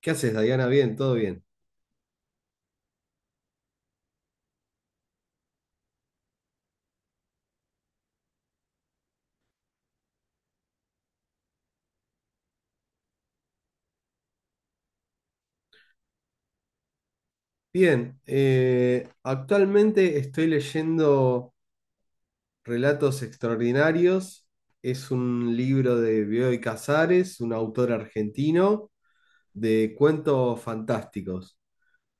¿Qué haces, Dayana? Bien, todo bien. Bien, actualmente estoy leyendo Relatos Extraordinarios. Es un libro de Bioy Casares, un autor argentino, de cuentos fantásticos.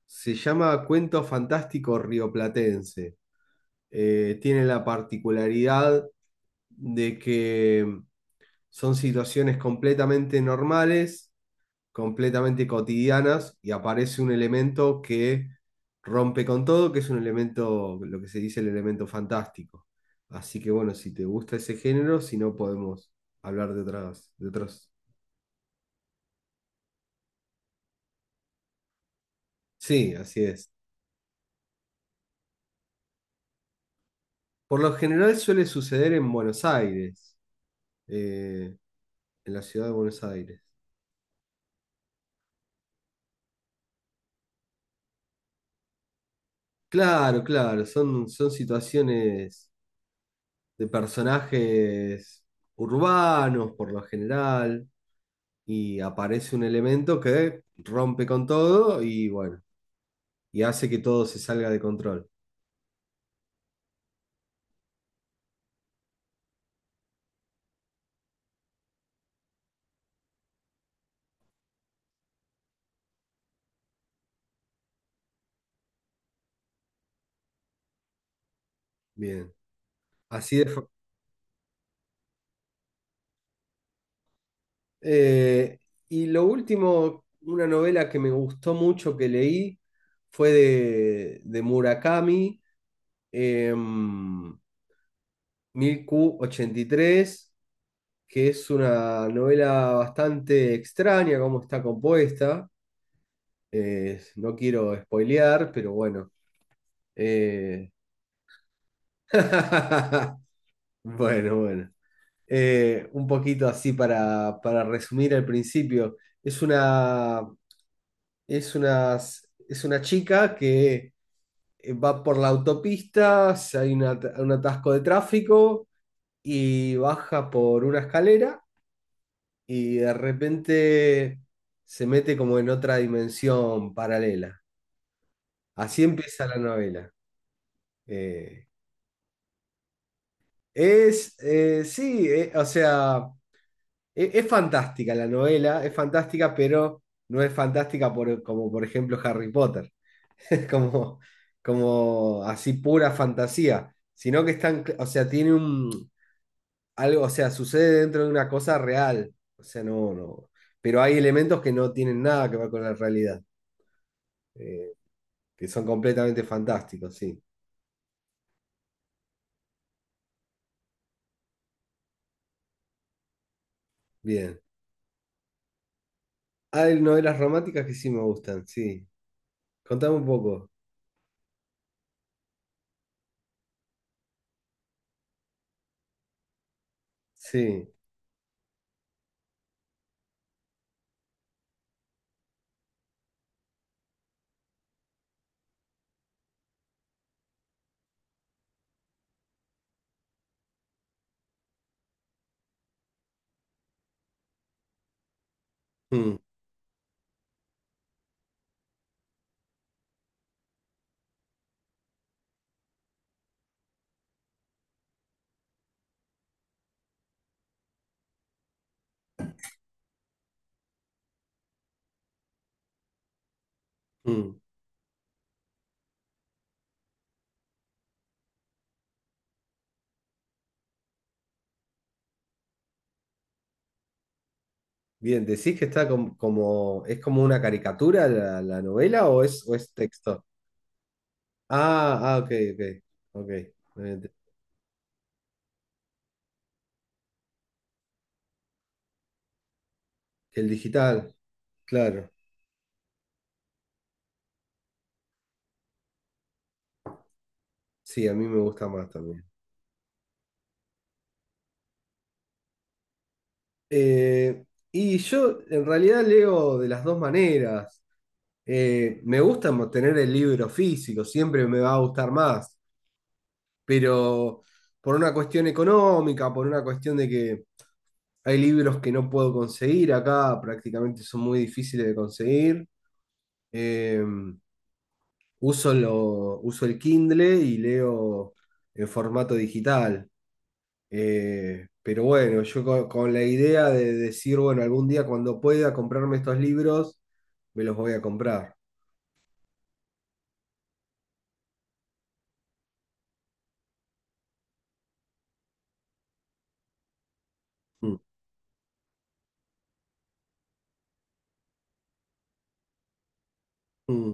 Se llama Cuento Fantástico Rioplatense. Tiene la particularidad de que son situaciones completamente normales, completamente cotidianas, y aparece un elemento que rompe con todo, que es un elemento, lo que se dice el elemento fantástico. Así que bueno, si te gusta ese género, si no podemos hablar de otras, de otros. Sí, así es. Por lo general suele suceder en Buenos Aires, eh, en la ciudad de Buenos Aires. Claro, claro, son situaciones de personajes urbanos por lo general, y aparece un elemento que rompe con todo y bueno, y hace que todo se salga de control. Bien, así de... fa- Eh, y lo último, una novela que me gustó mucho que leí fue de Murakami, em, 1000 q ochenta y tres, que es una novela bastante extraña cómo está compuesta. No quiero spoilear, pero bueno. eh, bueno. Un poquito así para resumir al principio. Es una, es una, es una chica que va por la autopista, si hay un atasco de tráfico y baja por una escalera y de repente se mete como en otra dimensión paralela. Así empieza la novela. Eh, sí, o sea... es fantástica la novela, es fantástica, pero no es fantástica por, como por ejemplo Harry Potter. Es como, como así pura fantasía, sino que están, o sea, tiene un algo, o sea, sucede dentro de una cosa real, o sea, no, no, pero hay elementos que no tienen nada que ver con la realidad, eh, que son completamente fantásticos, sí, bien. Ah, hay novelas románticas que sí me gustan, sí. Contame un poco, sí. Mm, mm. Bien, ¿decís que está como, es como una caricatura la, la novela o es texto? Ah, ah, ok, ok, ok. Eh, El digital, claro. Sí, a mí me gusta más también. Eh, y yo en realidad leo de las dos maneras. Me gusta tener el libro físico, siempre me va a gustar más, pero por una cuestión económica, por una cuestión de que hay libros que no puedo conseguir acá, prácticamente son muy difíciles de conseguir. Eh, uso el Kindle y leo en formato digital. Pero bueno, yo la idea de decir, bueno, algún día cuando pueda comprarme estos libros, me los voy a comprar. Mm, mm,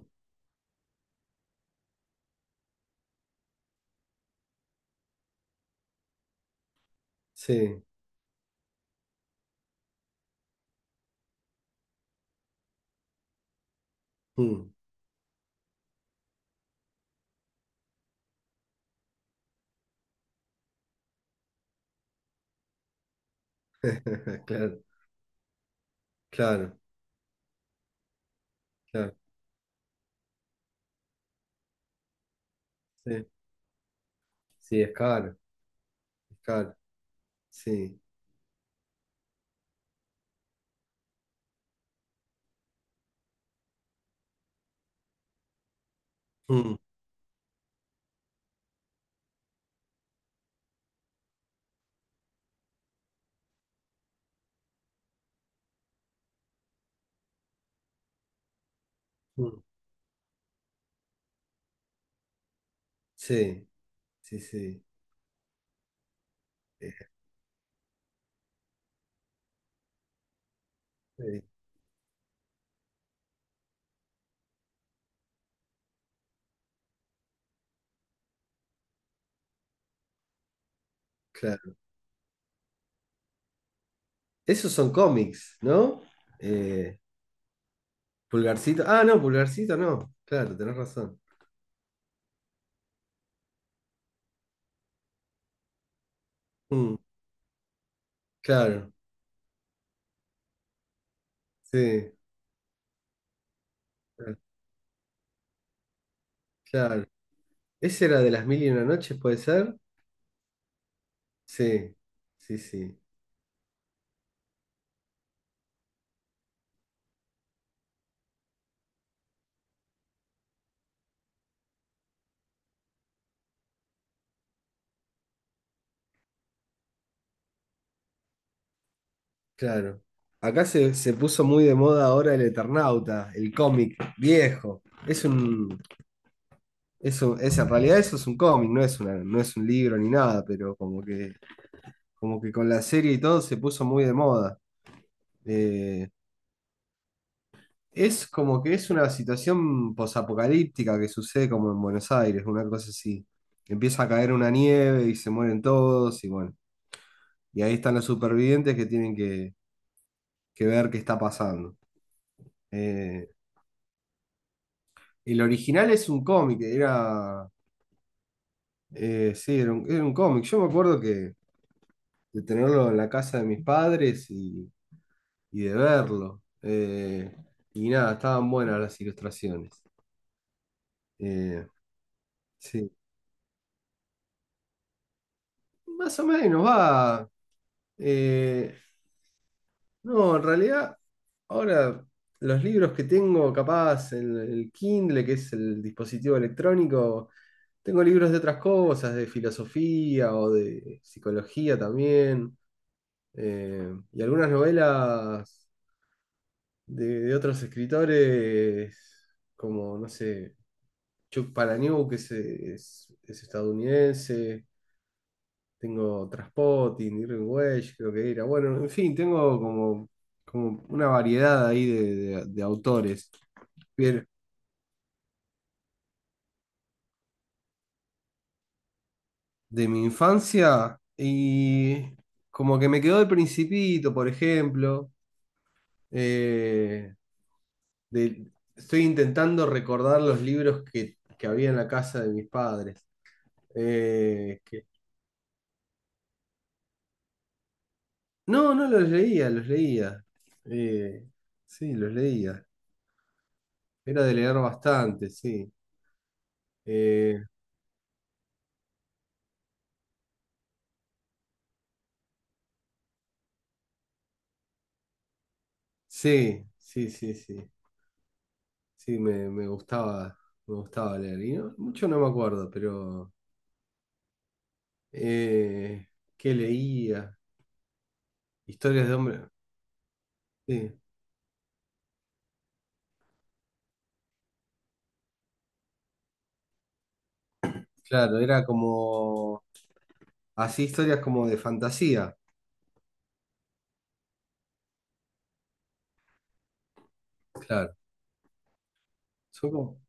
sí, mm. Claro, claro, claro. Sí, sí, es caro, es caro. Sí. Mm, mm. Sí, sí, sí. Eh, eh, claro. Esos son cómics, ¿no? Eh, Pulgarcito. Ah, no, pulgarcito no. Claro, tenés razón. Mm, claro, sí, claro, claro. ¿Ese era de las mil y una noches, puede ser? Sí, sí, sí, claro. Acá se, se puso muy de moda ahora el Eternauta, el cómic viejo. Es un, en realidad eso es un cómic, no es una, no es un libro ni nada, pero como que con la serie y todo se puso muy de moda. Eh, Es como que es una situación posapocalíptica que sucede como en Buenos Aires, una cosa así. Empieza a caer una nieve y se mueren todos y bueno, y ahí están los supervivientes que tienen que ver qué está pasando. Eh, el original es un cómic, era, sí, era un cómic. Yo me acuerdo que de tenerlo en la casa de mis padres y de verlo. Y nada, estaban buenas las ilustraciones. Eh, sí, más o menos va. eh, No, en realidad, ahora los libros que tengo, capaz, en el Kindle, que es el dispositivo electrónico, tengo libros de otras cosas, de filosofía o de psicología también, y algunas novelas de otros escritores, como, no sé, Chuck Palahniuk, que es, es estadounidense, tengo Trainspotting, Irving Welsh, creo que era. Bueno, en fin, tengo como, como una variedad ahí de, de autores. Bien, de mi infancia y como que me quedó El Principito, por ejemplo. Eh, de- Estoy intentando recordar los libros que había en la casa de mis padres. Eh, que- no, no los leía, los leía. Eh, sí, los leía. Era de leer bastante, sí. Eh, sí, sí, sí, sí. Sí, me, me gustaba leer. Mucho no me acuerdo, pero eh, ¿qué leía? Historias de hombre. Sí, claro, era como así historias como de fantasía. Claro. Son como-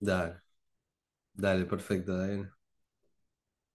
Dale, dale, perfecto, David.